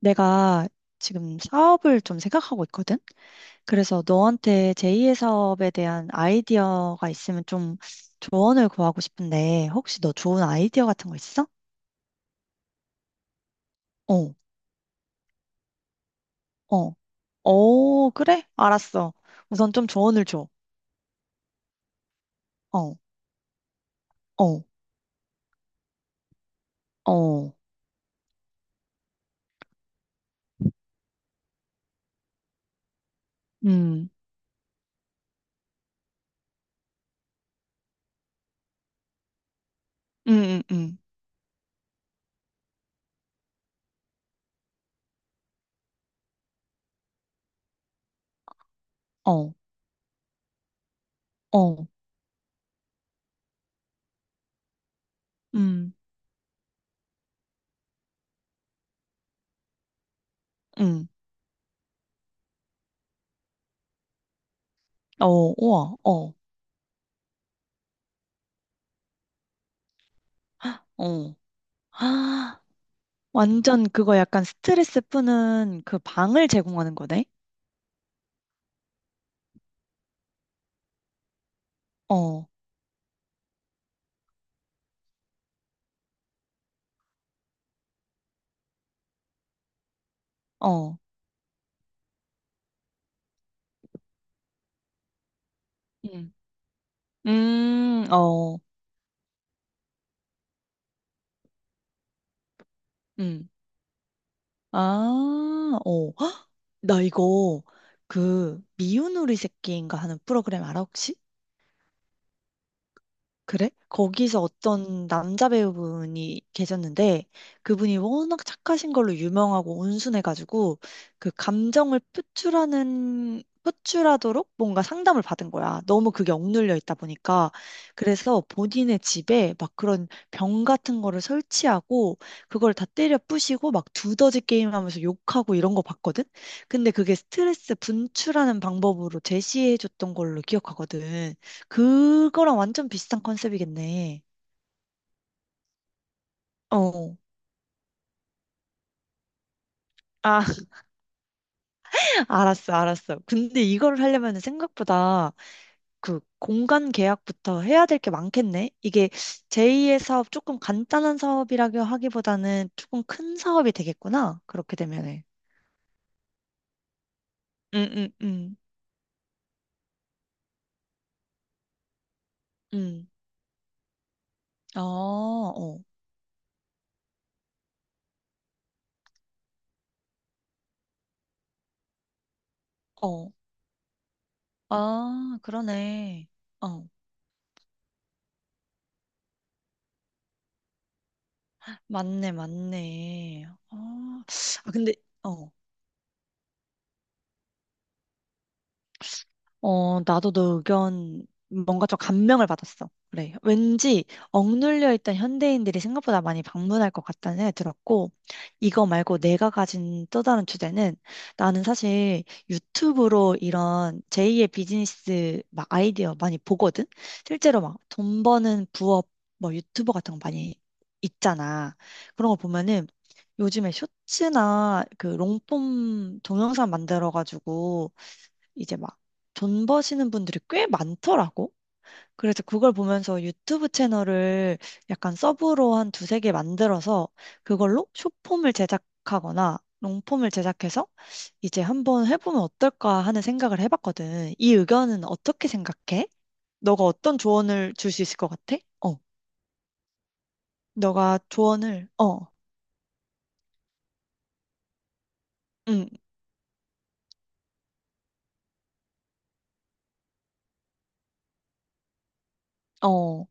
내가 지금 사업을 좀 생각하고 있거든? 그래서 너한테 제2의 사업에 대한 아이디어가 있으면 좀 조언을 구하고 싶은데, 혹시 너 좋은 아이디어 같은 거 있어? 어, 어, 어, 그래? 알았어. 우선 좀 조언을 줘. 어, 어, 어, 음, 음, 음, 음, 어, 어, 음, 음, 어, 우와, 어, 어. 아, 완전 그거 약간 스트레스 푸는 그 방을 제공하는 거네? 어. 어, 음, 어, 음, 아, 어, 헉! 나 이거 그 미운 우리 새끼인가 하는 프로그램 알아 혹시? 그래? 거기서 어떤 남자 배우분이 계셨는데 그분이 워낙 착하신 걸로 유명하고 온순해가지고 그 감정을 표출하는 표출하도록 뭔가 상담을 받은 거야. 너무 그게 억눌려 있다 보니까 그래서 본인의 집에 막 그런 병 같은 거를 설치하고 그걸 다 때려 부시고 막 두더지 게임하면서 욕하고 이런 거 봤거든. 근데 그게 스트레스 분출하는 방법으로 제시해 줬던 걸로 기억하거든. 그거랑 완전 비슷한 컨셉이겠네. 어. 아, 알았어, 알았어. 근데 이거를 하려면 생각보다 그 공간 계약부터 해야 될 게 많겠네. 이게 제2의 사업, 조금 간단한 사업이라고 하기보다는 조금 큰 사업이 되겠구나. 그렇게 되면은. 응, 응, 응. 음. 어, 어, 어. 아, 그러네. 어. 맞네, 맞네. 어. 아, 근데, 어. 어, 나도 너 의견 뭔가 좀 감명을 받았어. 그래. 왠지 억눌려 있던 현대인들이 생각보다 많이 방문할 것 같다는 생각이 들었고, 이거 말고 내가 가진 또 다른 주제는 나는 사실 유튜브로 이런 제2의 비즈니스 막 아이디어 많이 보거든? 실제로 막 돈 버는 부업 뭐 유튜버 같은 거 많이 있잖아. 그런 거 보면은 요즘에 쇼츠나 그 롱폼 동영상 만들어가지고 이제 막 돈 버시는 분들이 꽤 많더라고. 그래서 그걸 보면서 유튜브 채널을 약간 서브로 한 두세 개 만들어서 그걸로 숏폼을 제작하거나 롱폼을 제작해서 이제 한번 해보면 어떨까 하는 생각을 해봤거든. 이 의견은 어떻게 생각해? 너가 어떤 조언을 줄 수 있을 것 같아? 어, 너가 조언을, 어, 응, 어.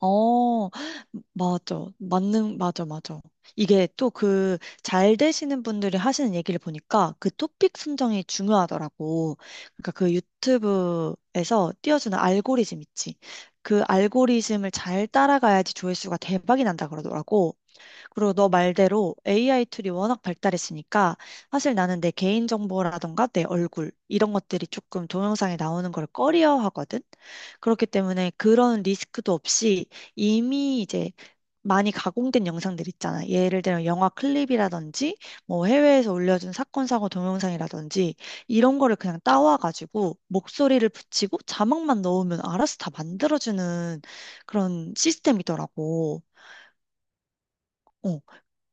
어, 맞아. 맞아, 맞아. 이게 또 그 잘 되시는 분들이 하시는 얘기를 보니까 그 토픽 선정이 중요하더라고. 그러니까 그 유튜브에서 띄워주는 알고리즘 있지. 그 알고리즘을 잘 따라가야지 조회수가 대박이 난다 그러더라고. 그리고 너 말대로 AI 툴이 워낙 발달했으니까 사실 나는 내 개인정보라던가 내 얼굴 이런 것들이 조금 동영상에 나오는 걸 꺼려하거든. 그렇기 때문에 그런 리스크도 없이 이미 이제 많이 가공된 영상들 있잖아. 예를 들면 영화 클립이라든지 뭐 해외에서 올려준 사건 사고 동영상이라든지 이런 거를 그냥 따와가지고 목소리를 붙이고 자막만 넣으면 알아서 다 만들어주는 그런 시스템이더라고. 어,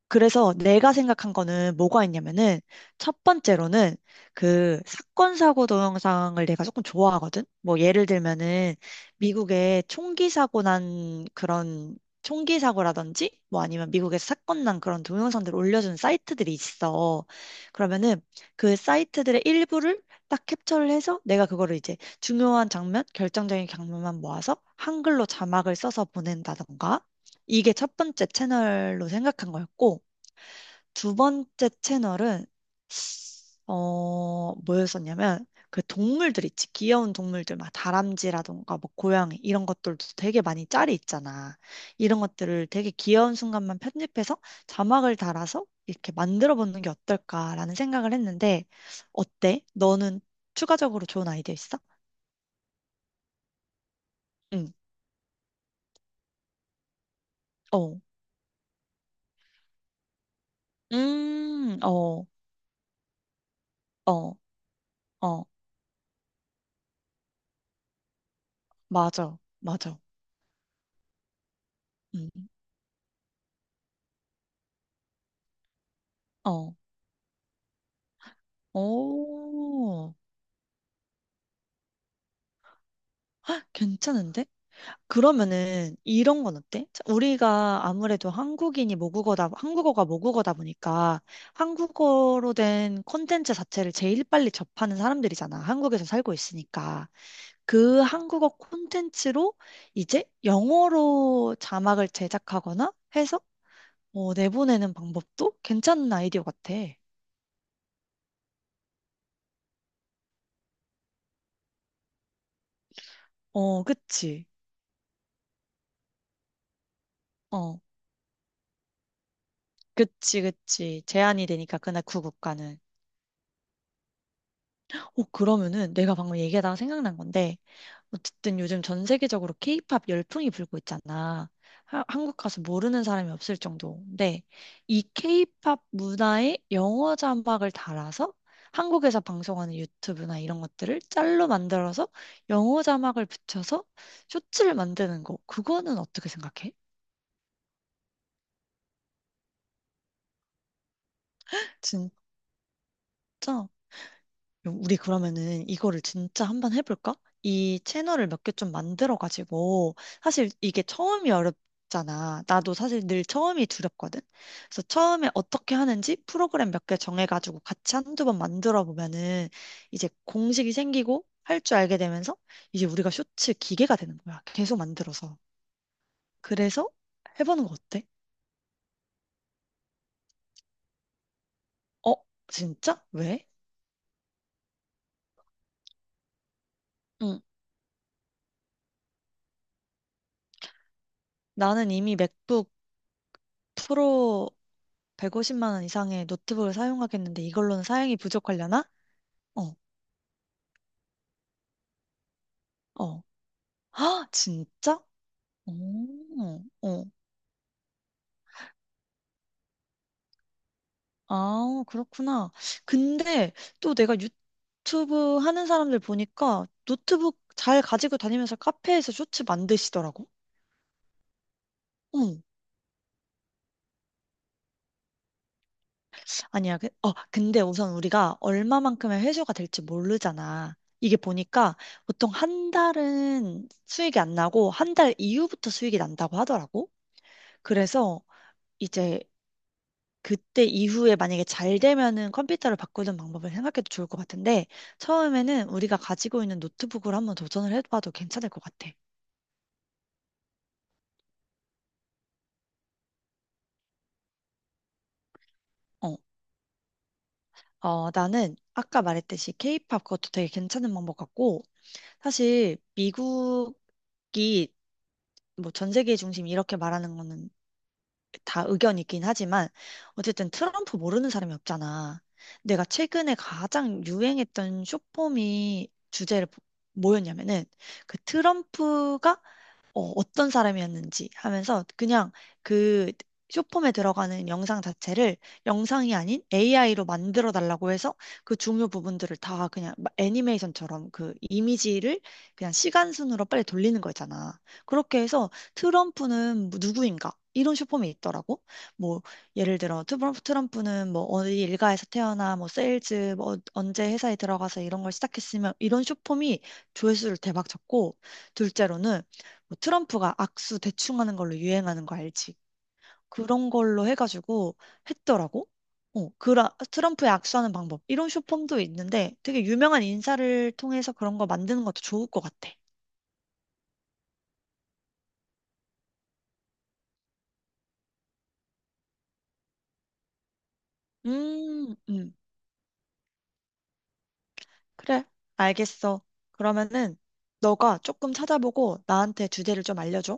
그래서 내가 생각한 거는 뭐가 있냐면은 첫 번째로는 그 사건 사고 동영상을 내가 조금 좋아하거든. 뭐 예를 들면은 미국에 총기 사고 난 그런 총기 사고라든지 뭐 아니면 미국에서 사건 난 그런 동영상들을 올려주는 사이트들이 있어. 그러면은 그 사이트들의 일부를 딱 캡처를 해서 내가 그거를 이제 중요한 장면, 결정적인 장면만 모아서 한글로 자막을 써서 보낸다던가. 이게 첫 번째 채널로 생각한 거였고, 두 번째 채널은 뭐였었냐면, 그 동물들 있지. 귀여운 동물들, 막 다람쥐라던가, 뭐 고양이, 이런 것들도 되게 많이 짤이 있잖아. 이런 것들을 되게 귀여운 순간만 편집해서 자막을 달아서 이렇게 만들어 보는 게 어떨까라는 생각을 했는데, 어때? 너는 추가적으로 좋은 아이디어 있어? 응, 어. 어, 어, 어. 맞아, 맞아. 음, 어. 오, 괜찮은데? 그러면은 이런 건 어때? 자, 우리가 아무래도 한국인이 모국어다, 한국어가 모국어다 보니까 한국어로 된 콘텐츠 자체를 제일 빨리 접하는 사람들이잖아. 한국에서 살고 있으니까. 그 한국어 콘텐츠로 이제 영어로 자막을 제작하거나 해서 어, 내보내는 방법도 괜찮은 아이디어 같아. 어, 그치. 어, 그치, 그치. 제한이 되니까 그날 그 국가는. 어, 그러면은 내가 방금 얘기하다가 생각난 건데 어쨌든 요즘 전 세계적으로 케이팝 열풍이 불고 있잖아. 한국 가서 모르는 사람이 없을 정도인데, 이 케이팝 문화에 영어 자막을 달아서 한국에서 방송하는 유튜브나 이런 것들을 짤로 만들어서 영어 자막을 붙여서 쇼츠를 만드는 거, 그거는 어떻게 생각해? 진짜? 우리 그러면은 이거를 진짜 한번 해볼까? 이 채널을 몇 개 좀 만들어가지고, 사실 이게 처음이 어렵잖아. 나도 사실 늘 처음이 두렵거든? 그래서 처음에 어떻게 하는지 프로그램 몇 개 정해가지고 같이 한두 번 만들어 보면은 이제 공식이 생기고 할 줄 알게 되면서 이제 우리가 쇼츠 기계가 되는 거야. 계속 만들어서. 그래서 해보는 거 어때? 어? 진짜? 왜? 응. 나는 이미 맥북 프로 150만 원 이상의 노트북을 사용하겠는데 이걸로는 사양이 부족하려나? 어, 어. 아, 진짜? 오, 어. 아, 그렇구나. 근데 또 내가 유튜브 하는 사람들 보니까 노트북 잘 가지고 다니면서 카페에서 쇼츠 만드시더라고. 응. 아니야. 근데 우선 우리가 얼마만큼의 회수가 될지 모르잖아. 이게 보니까 보통 한 달은 수익이 안 나고 한 달 이후부터 수익이 난다고 하더라고. 그래서 이제 그때 이후에 만약에 잘 되면은 컴퓨터를 바꾸는 방법을 생각해도 좋을 것 같은데, 처음에는 우리가 가지고 있는 노트북으로 한번 도전을 해봐도 괜찮을 것 같아. 어, 어, 나는 아까 말했듯이 케이팝 그것도 되게 괜찮은 방법 같고, 사실 미국이 뭐 전 세계 중심 이렇게 말하는 거는 다 의견이긴 하지만, 어쨌든 트럼프 모르는 사람이 없잖아. 내가 최근에 가장 유행했던 쇼폼이 주제를 뭐였냐면은 그 트럼프가 어, 어떤 사람이었는지 하면서 그냥 그 쇼폼에 들어가는 영상 자체를 영상이 아닌 AI로 만들어 달라고 해서 그 중요 부분들을 다 그냥 애니메이션처럼 그 이미지를 그냥 시간 순으로 빨리 돌리는 거 있잖아. 그렇게 해서 트럼프는 뭐 누구인가? 이런 쇼폼이 있더라고. 뭐 예를 들어 트럼프는 뭐 어디 일가에서 태어나 뭐 세일즈 뭐 언제 회사에 들어가서 이런 걸 시작했으면 이런 쇼폼이 조회수를 대박 쳤고 둘째로는 뭐 트럼프가 악수 대충 하는 걸로 유행하는 거 알지? 그런 걸로 해가지고 했더라고. 트럼프의 악수하는 방법. 이런 쇼폼도 있는데 되게 유명한 인사를 통해서 그런 거 만드는 것도 좋을 것 같아. 음, 음, 그래. 알겠어. 그러면은 너가 조금 찾아보고 나한테 주제를 좀 알려줘.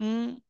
음.